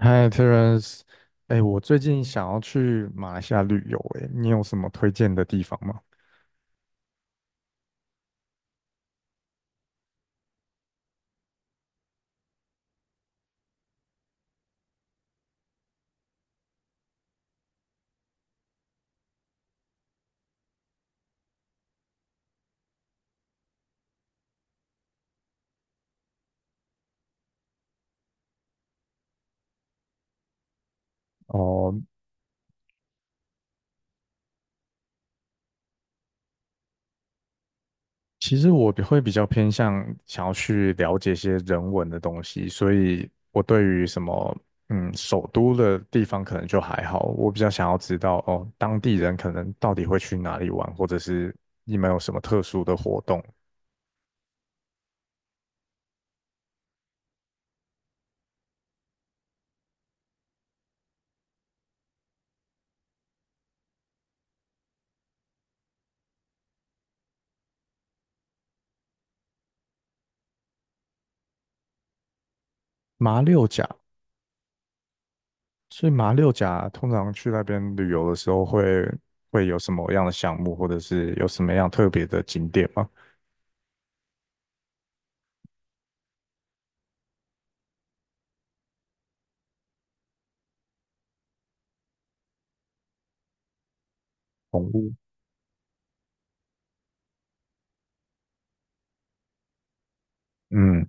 嗨，Terence，哎，我最近想要去马来西亚旅游，哎，你有什么推荐的地方吗？哦，其实我比较偏向想要去了解一些人文的东西，所以我对于什么首都的地方可能就还好，我比较想要知道哦当地人可能到底会去哪里玩，或者是你们有什么特殊的活动。马六甲，所以马六甲通常去那边旅游的时候会有什么样的项目，或者是有什么样特别的景点吗？红屋，嗯，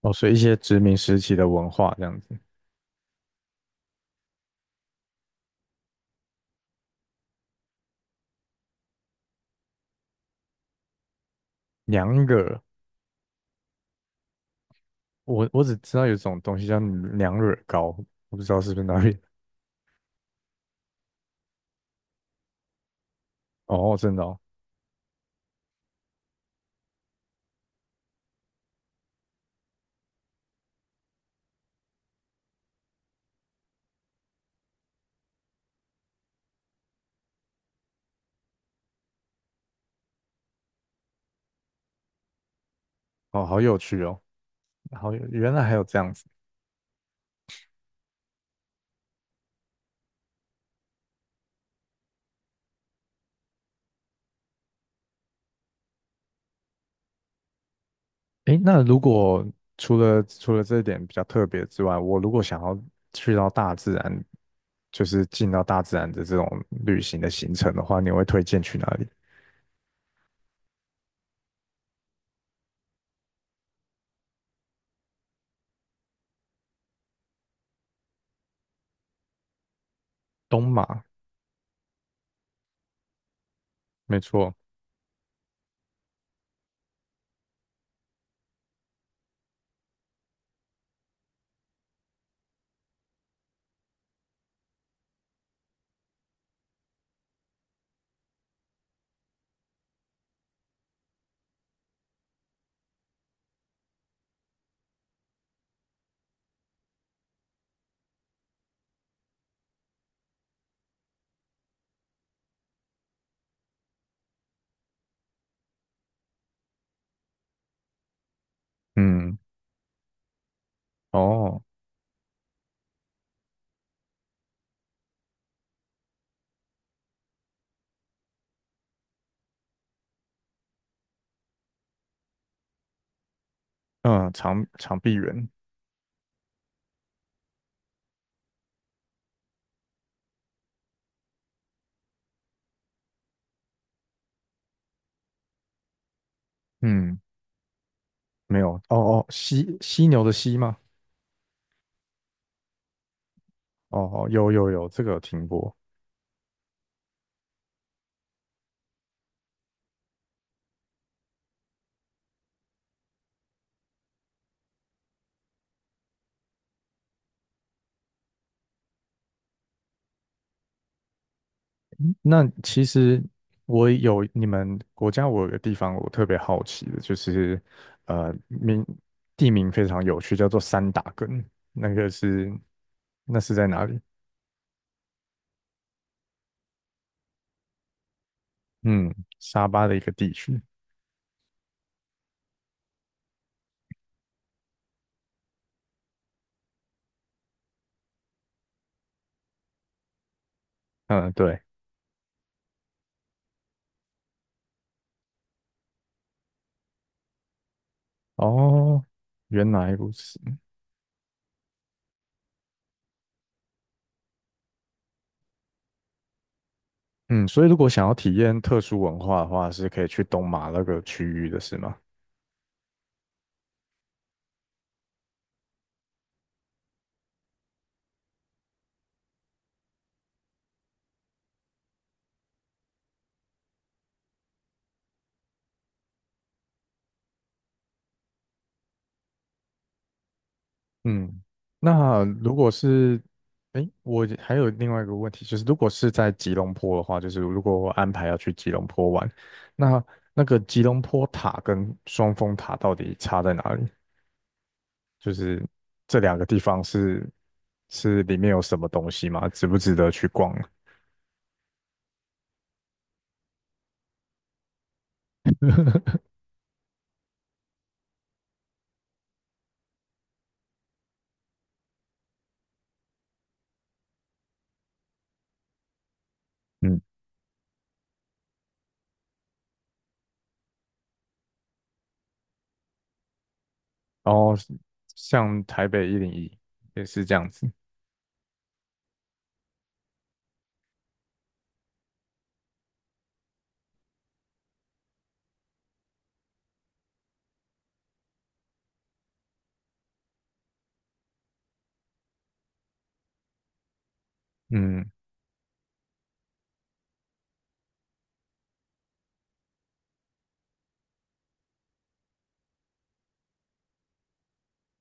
哦，所以一些殖民时期的文化这样子。娘惹。我只知道有一种东西叫娘惹糕，我不知道是不是那边。哦，真的哦，哦，好有趣哦，好有，原来还有这样子。诶，那如果除了这一点比较特别之外，我如果想要去到大自然，就是进到大自然的这种旅行的行程的话，你会推荐去哪里？东马，没错，嗯，哦，嗯，长臂猿，嗯，没有，哦哦，犀牛的犀吗？哦哦，有有有，这个有听过。那其实我有你们国家，我有个地方我特别好奇的，就是名地名非常有趣，叫做三打根，那个是那是在哪里？嗯，沙巴的一个地区。嗯，对，哦，原来如此。嗯，所以如果想要体验特殊文化的话，是可以去东马那个区域的，是吗？嗯，那如果是，哎，我还有另外一个问题，就是如果是在吉隆坡的话，就是如果我安排要去吉隆坡玩，那那个吉隆坡塔跟双峰塔到底差在哪里？就是这两个地方是是里面有什么东西吗？值不值得去逛啊？嗯，然后像台北101也是这样子，嗯，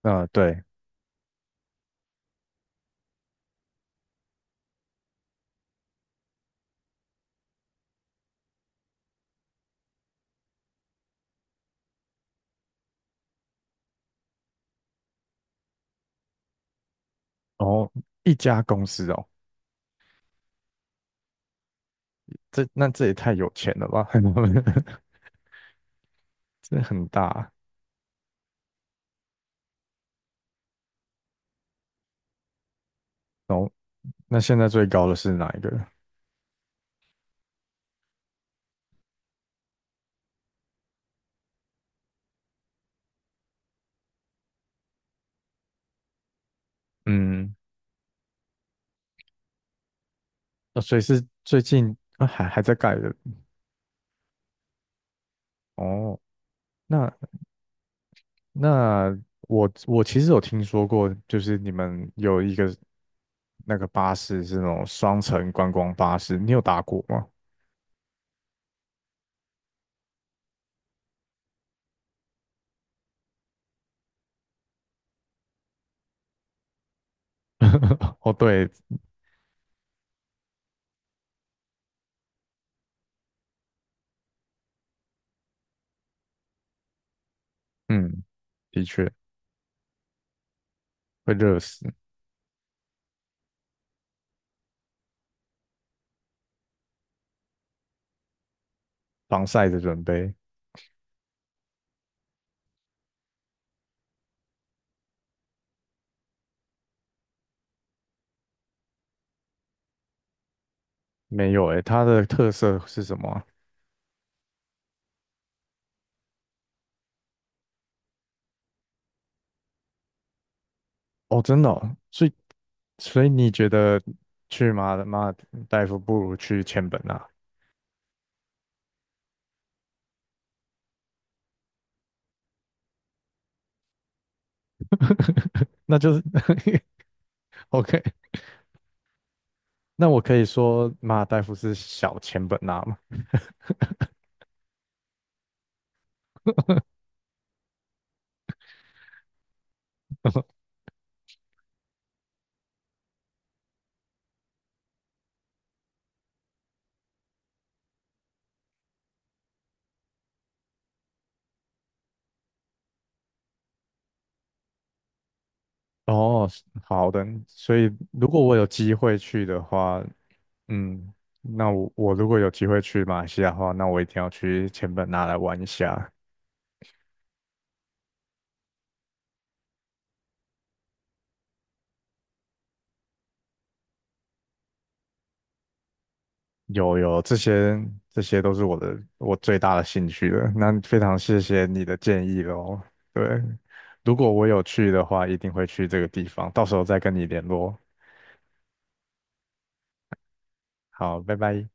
啊对，然后一家公司哦，这那这也太有钱了吧，真的很大。哦，那现在最高的是哪一个？嗯，哦，所以是最近啊还在盖的哦。那那我其实有听说过，就是你们有一个那个巴士是那种双层观光巴士，你有搭过吗？哦，对，嗯，的确会热死，防晒的准备没有诶，它的特色是什么啊。哦，真的哦，所以所以你觉得去马尔代夫不如去千本啊？那就是 OK。那我可以说马尔代夫是小钱本纳吗？哦，好的。所以如果我有机会去的话，嗯，那我如果有机会去马来西亚的话，那我一定要去钱本纳来玩一下。有有，这些都是我最大的兴趣了。那非常谢谢你的建议喽。对，如果我有去的话，一定会去这个地方，到时候再跟你联络。好，拜拜。